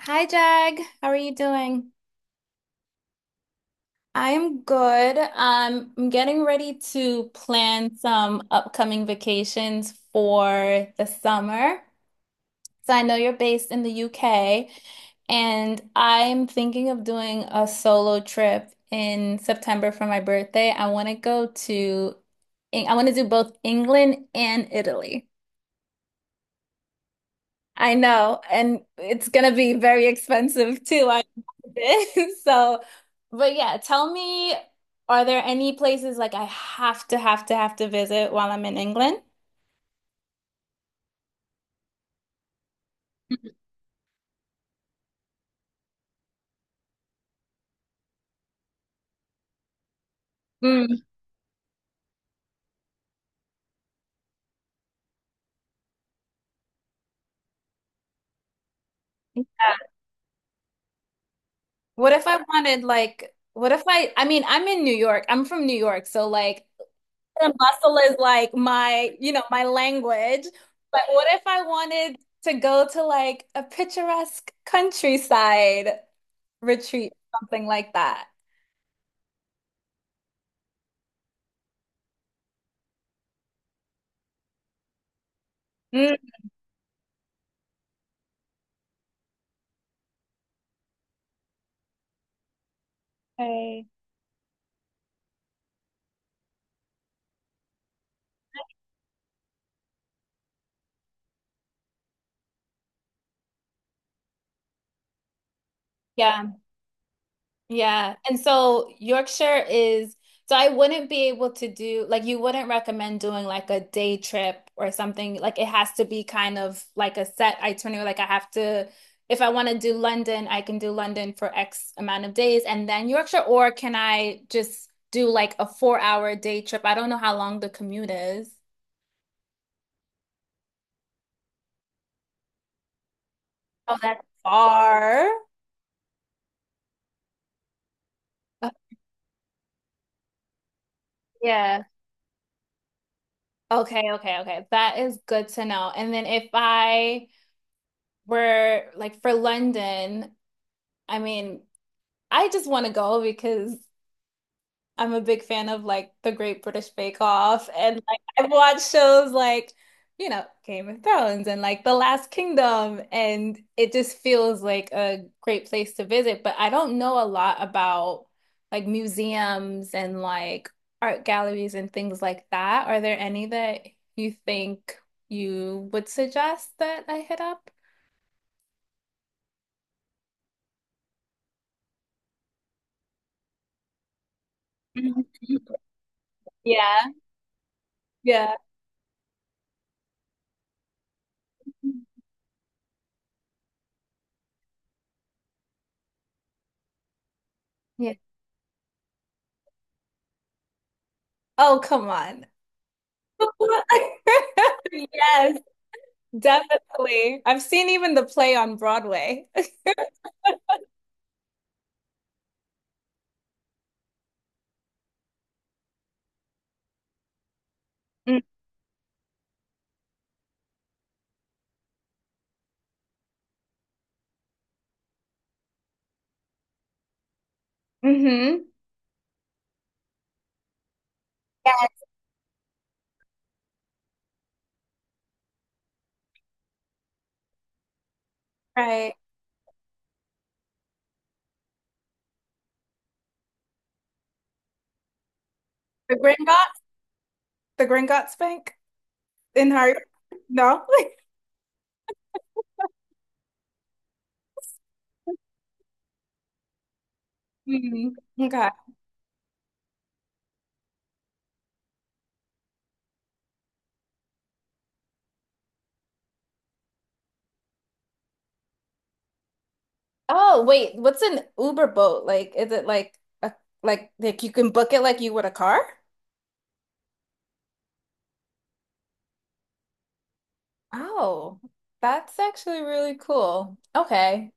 Hi Jag, how are you doing? I'm good. I'm getting ready to plan some upcoming vacations for the summer. So I know you're based in the UK, and I'm thinking of doing a solo trip in September for my birthday. I want to do both England and Italy. I know, and it's gonna be very expensive too, I imagine. But yeah, tell me, are there any places like I have to visit while I'm in England? Mm. What if I wanted like, what if I, I mean, I'm in New York. I'm from New York, so like, and bustle is like my, you know, my language. But what if I wanted to go to like a picturesque countryside retreat, something like that? Mm. Okay. Yeah, yeah. And so Yorkshire is, so I wouldn't be able to do, like, you wouldn't recommend doing like a day trip or something. Like, it has to be kind of like a set itinerary. Like, I have to, if I want to do London, I can do London for X amount of days and then Yorkshire, or can I just do like a 4 hour day trip? I don't know how long the commute is. Oh, that's far. Uh, Yeah. Okay, okay, okay. That is good to know. And then if I, Where like for London, I mean, I just want to go because I'm a big fan of like the Great British Bake Off and like I've watched shows like, you know, Game of Thrones and like The Last Kingdom, and it just feels like a great place to visit, but I don't know a lot about like museums and like art galleries and things like that. Are there any that you think you would suggest that I hit up? Mhm. Yeah. Yeah. Yeah. Oh, come on. Yes, definitely. I've seen even the play on Broadway. Mm-hmm. Right. The Gringotts, the Gringotts Bank in Harry. No. Mhm. Okay. Oh, wait. What's an Uber boat? Like, is it like a like you can book it like you would a car? Oh, that's actually really cool. Okay.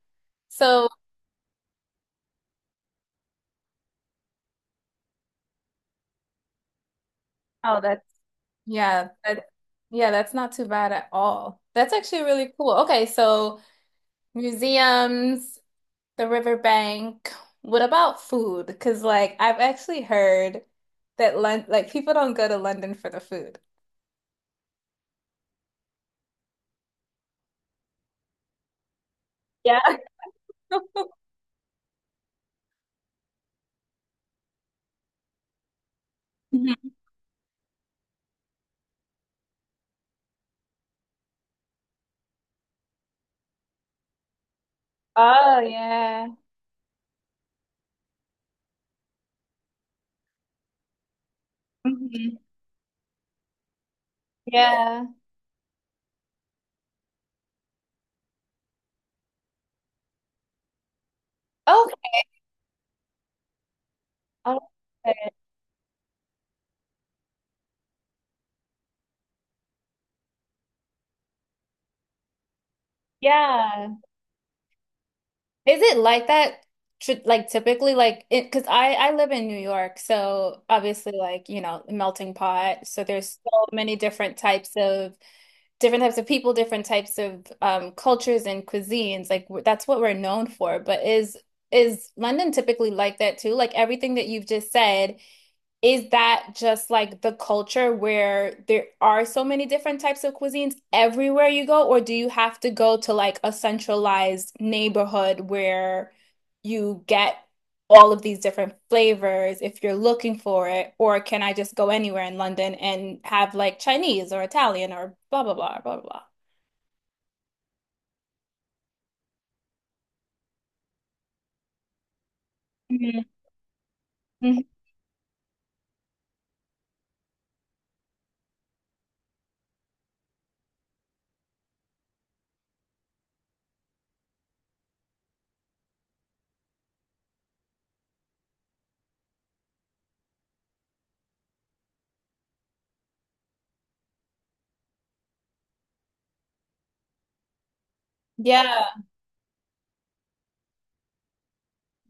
So, Oh, that's Yeah, that, yeah, that's not too bad at all. That's actually really cool. Okay, so museums, the riverbank. What about food? Because like I've actually heard that Lon like people don't go to London for the food. Yeah. Mhm. Oh yeah. Mhm. Yeah. Okay. Oh, yeah. Is it like that? Like typically, like it, because I live in New York, so obviously, like you know, melting pot. So there's so many different types of people, different types of cultures and cuisines. Like that's what we're known for. But is London typically like that too? Like everything that you've just said, is that just like the culture where there are so many different types of cuisines everywhere you go, or do you have to go to like a centralized neighborhood where you get all of these different flavors if you're looking for it? Or can I just go anywhere in London and have like Chinese or Italian or blah blah blah blah blah? Mhm. Mhm. Yeah.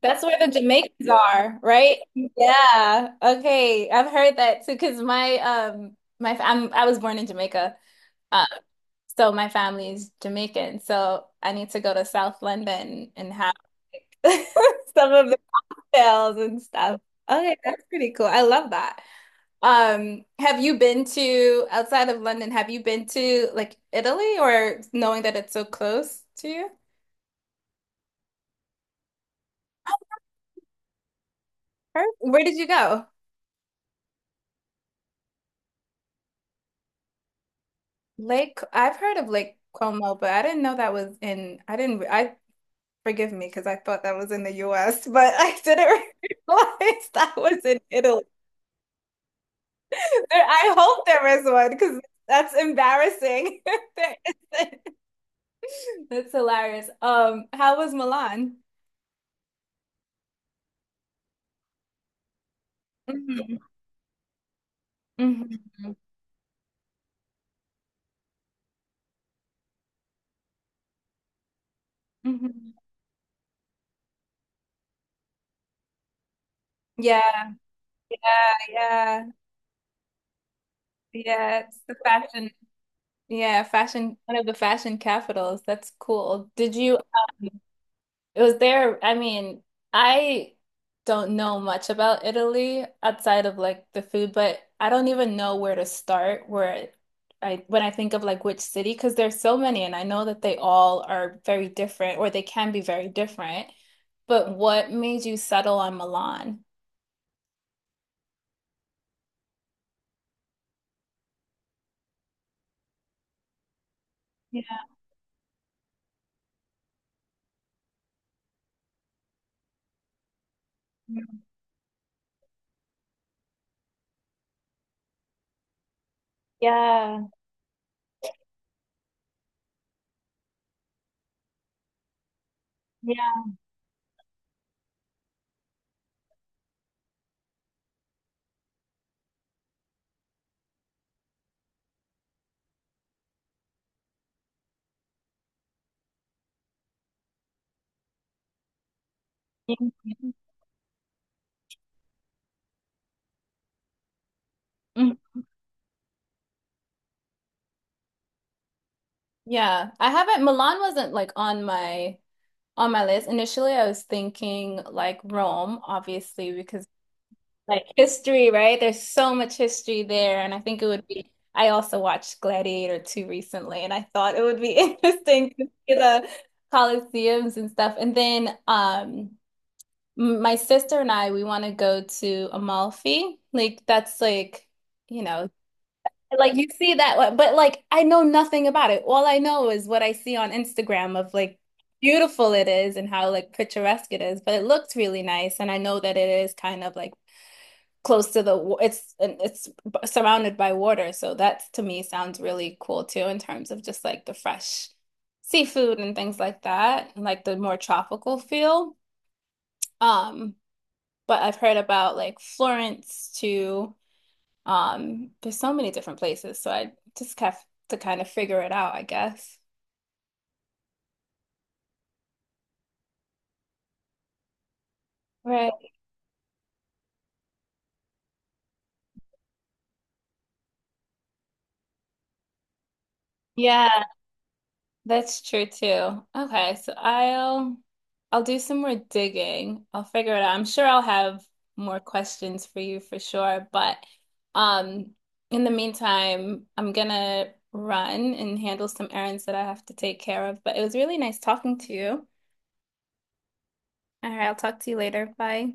That's where the Jamaicans are, right? Yeah. Okay. I've heard that too, because I was born in Jamaica. Um, so my family's Jamaican. So I need to go to South London and have some of the cocktails and stuff. Okay, that's pretty cool. I love that. Have you been to outside of London, have you been to like Italy or knowing that it's so close to you? Or Where did you go? Lake, I've heard of Lake Como, but I didn't know that was in, I didn't, I forgive me because I thought that was in the US, but I didn't realize that was in Italy. I hope there is one because that's embarrassing. There isn't. That's hilarious. How was Milan? Mhm, mhm, mhm. Yeah, yeah, yeah, yeah. It's the fashion, yeah, fashion, one of the fashion capitals. That's cool. Did you? It was there. I mean, I don't know much about Italy outside of like the food, but I don't even know where to start where I when I think of like which city, because there's so many and I know that they all are very different or they can be very different. But what made you settle on Milan? Yeah, yeah, yeah. Mhm. Yeah, I haven't Milan wasn't like on my list. Initially, I was thinking like Rome, obviously, because like history, right? There's so much history there, and I think it would be. I also watched Gladiator 2 recently, and I thought it would be interesting to see the Colosseums and stuff. And then, my sister and I, we want to go to Amalfi. Like that's like, you know, like you see that, one, but like I know nothing about it. All I know is what I see on Instagram of like beautiful it is and how like picturesque it is, but it looks really nice. And I know that it is kind of like close to the it's surrounded by water, so that to me sounds really cool too in terms of just like the fresh seafood and things like that, and like the more tropical feel. Um, but I've heard about like Florence too. There's so many different places, so I just have to kind of figure it out, I guess. Right. Yeah. That's true too. Okay, so I'll do some more digging. I'll figure it out. I'm sure I'll have more questions for you for sure, but um in the meantime, I'm gonna run and handle some errands that I have to take care of. But it was really nice talking to you. All right, I'll talk to you later. Bye.